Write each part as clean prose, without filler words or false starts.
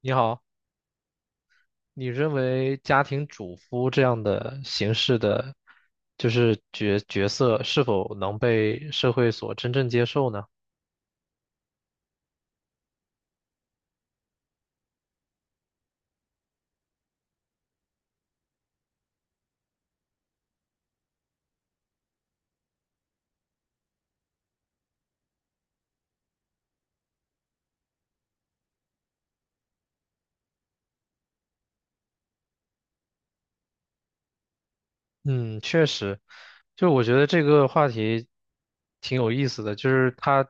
你好，你认为家庭主夫这样的形式的，就是角色是否能被社会所真正接受呢？嗯，确实，就是我觉得这个话题挺有意思的，就是它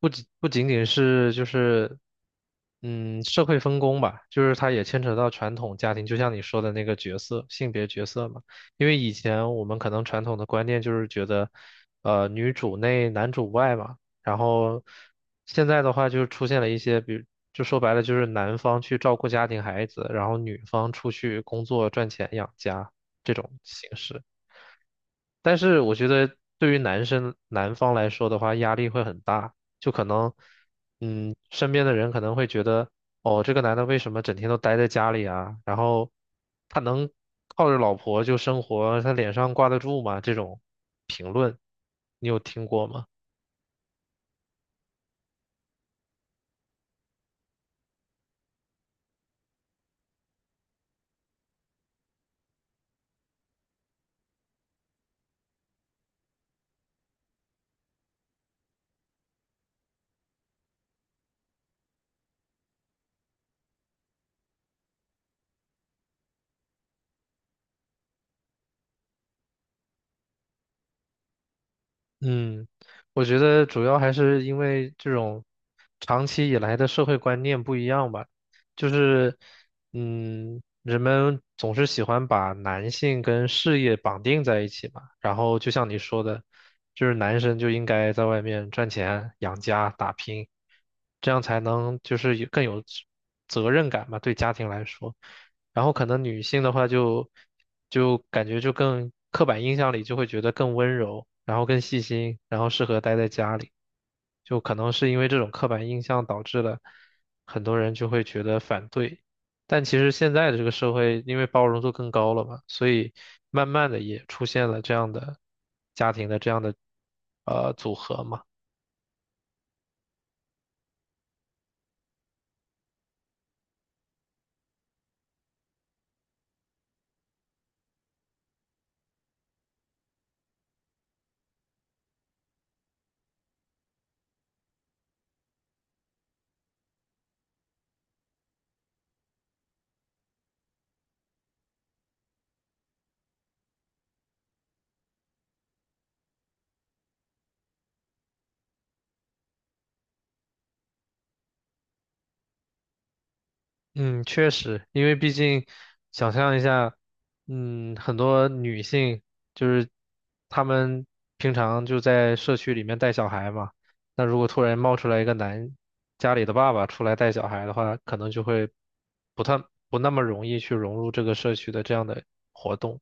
不仅仅是就是社会分工吧，就是它也牵扯到传统家庭，就像你说的那个角色，性别角色嘛。因为以前我们可能传统的观念就是觉得，女主内男主外嘛，然后现在的话就出现了一些，比如就说白了就是男方去照顾家庭孩子，然后女方出去工作赚钱养家。这种形式。但是我觉得对于男生男方来说的话，压力会很大，就可能，嗯，身边的人可能会觉得，哦，这个男的为什么整天都待在家里啊？然后他能靠着老婆就生活，他脸上挂得住吗？这种评论，你有听过吗？嗯，我觉得主要还是因为这种长期以来的社会观念不一样吧，就是嗯，人们总是喜欢把男性跟事业绑定在一起嘛，然后就像你说的，就是男生就应该在外面赚钱、养家、打拼，这样才能就是更有责任感嘛，对家庭来说。然后可能女性的话就感觉就更刻板印象里就会觉得更温柔，然后更细心，然后适合待在家里，就可能是因为这种刻板印象导致了很多人就会觉得反对。但其实现在的这个社会，因为包容度更高了嘛，所以慢慢的也出现了这样的家庭的这样的组合嘛。嗯，确实，因为毕竟想象一下，嗯，很多女性就是她们平常就在社区里面带小孩嘛，那如果突然冒出来一个男家里的爸爸出来带小孩的话，可能就会不太不那么容易去融入这个社区的这样的活动。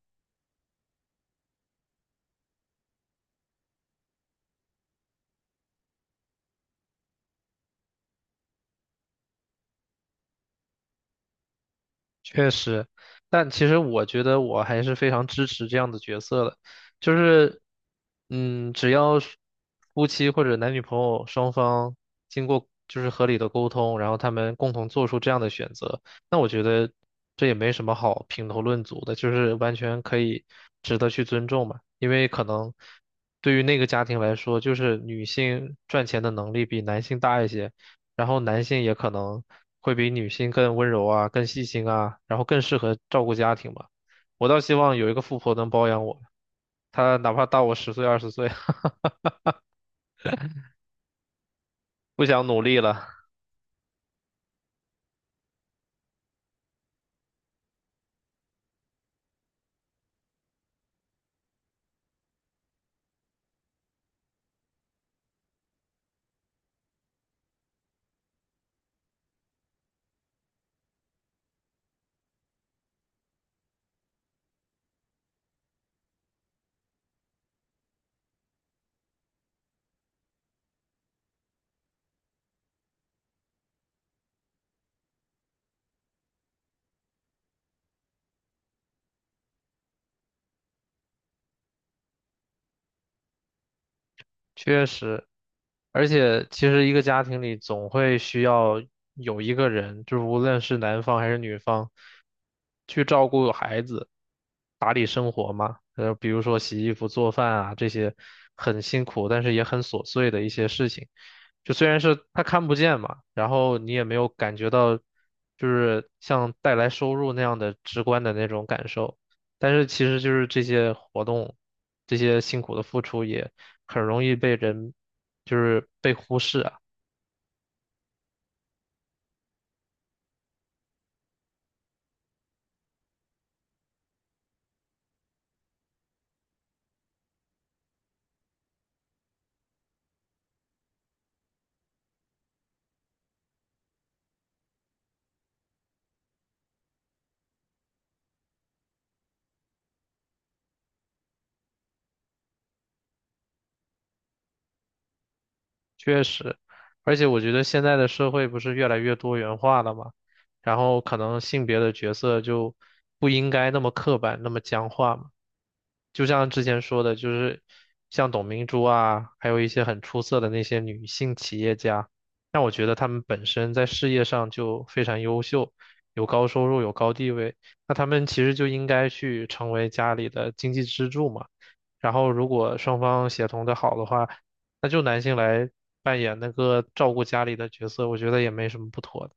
确实，但其实我觉得我还是非常支持这样的角色的，就是，嗯，只要是夫妻或者男女朋友双方经过就是合理的沟通，然后他们共同做出这样的选择，那我觉得这也没什么好评头论足的，就是完全可以值得去尊重嘛，因为可能对于那个家庭来说，就是女性赚钱的能力比男性大一些。然后男性也可能会比女性更温柔啊，更细心啊，然后更适合照顾家庭吧。我倒希望有一个富婆能包养我，她哪怕大我十岁二十岁，不想努力了。确实，而且其实一个家庭里总会需要有一个人，就是无论是男方还是女方，去照顾孩子、打理生活嘛。比如说洗衣服、做饭啊，这些很辛苦，但是也很琐碎的一些事情。就虽然是他看不见嘛，然后你也没有感觉到，就是像带来收入那样的直观的那种感受。但是其实就是这些活动，这些辛苦的付出也。很容易被人就是被忽视，啊。确实，而且我觉得现在的社会不是越来越多元化了嘛，然后可能性别的角色就不应该那么刻板，那么僵化嘛。就像之前说的，就是像董明珠啊，还有一些很出色的那些女性企业家，那我觉得她们本身在事业上就非常优秀，有高收入，有高地位，那她们其实就应该去成为家里的经济支柱嘛。然后，如果双方协同的好的话，那就男性来扮演那个照顾家里的角色，我觉得也没什么不妥的。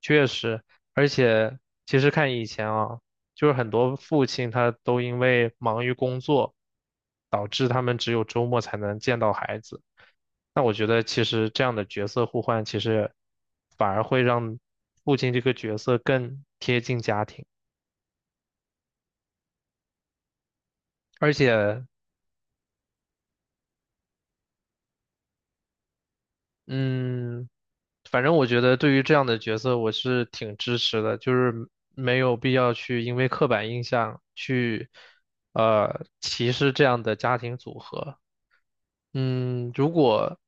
确实，而且其实看以前啊，就是很多父亲他都因为忙于工作，导致他们只有周末才能见到孩子。那我觉得其实这样的角色互换，其实反而会让父亲这个角色更贴近家庭，而且，嗯。反正我觉得对于这样的角色，我是挺支持的，就是没有必要去因为刻板印象去歧视这样的家庭组合。嗯，如果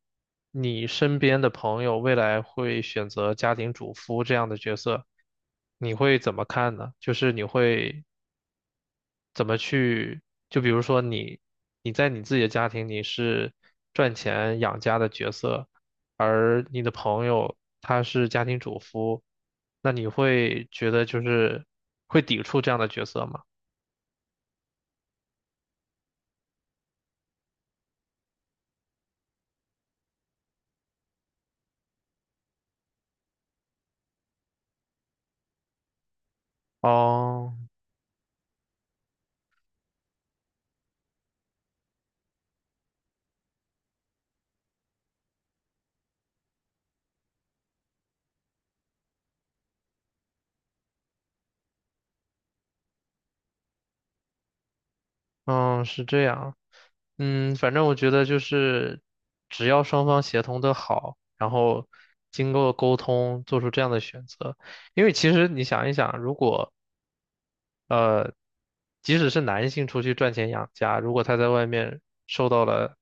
你身边的朋友未来会选择家庭主夫这样的角色，你会怎么看呢？就是你会怎么去，就比如说你在你自己的家庭你是赚钱养家的角色，而你的朋友他是家庭主夫，那你会觉得就是会抵触这样的角色吗？哦，嗯，是这样。嗯，反正我觉得就是，只要双方协同的好，然后经过沟通做出这样的选择，因为其实你想一想，如果呃即使是男性出去赚钱养家，如果他在外面受到了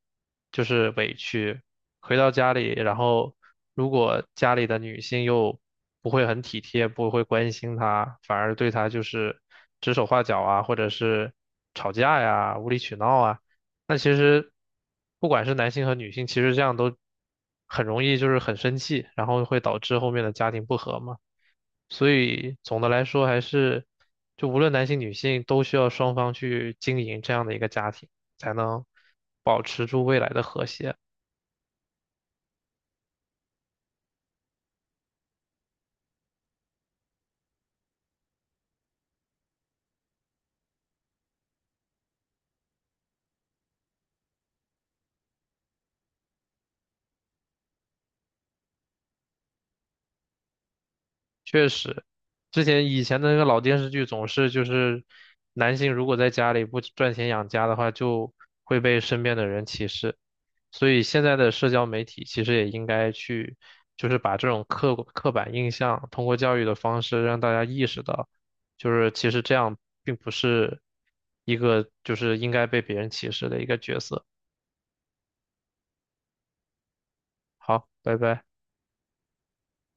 就是委屈，回到家里，然后如果家里的女性又不会很体贴，不会关心他，反而对他就是指手画脚啊，或者是吵架呀、无理取闹啊，那其实不管是男性和女性，其实这样都很容易就是很生气，然后会导致后面的家庭不和嘛。所以总的来说，还是就无论男性女性，都需要双方去经营这样的一个家庭，才能保持住未来的和谐。确实，之前以前的那个老电视剧总是就是男性如果在家里不赚钱养家的话，就会被身边的人歧视。所以现在的社交媒体其实也应该去，就是把这种刻板印象通过教育的方式让大家意识到，就是其实这样并不是一个就是应该被别人歧视的一个角色。好，拜拜。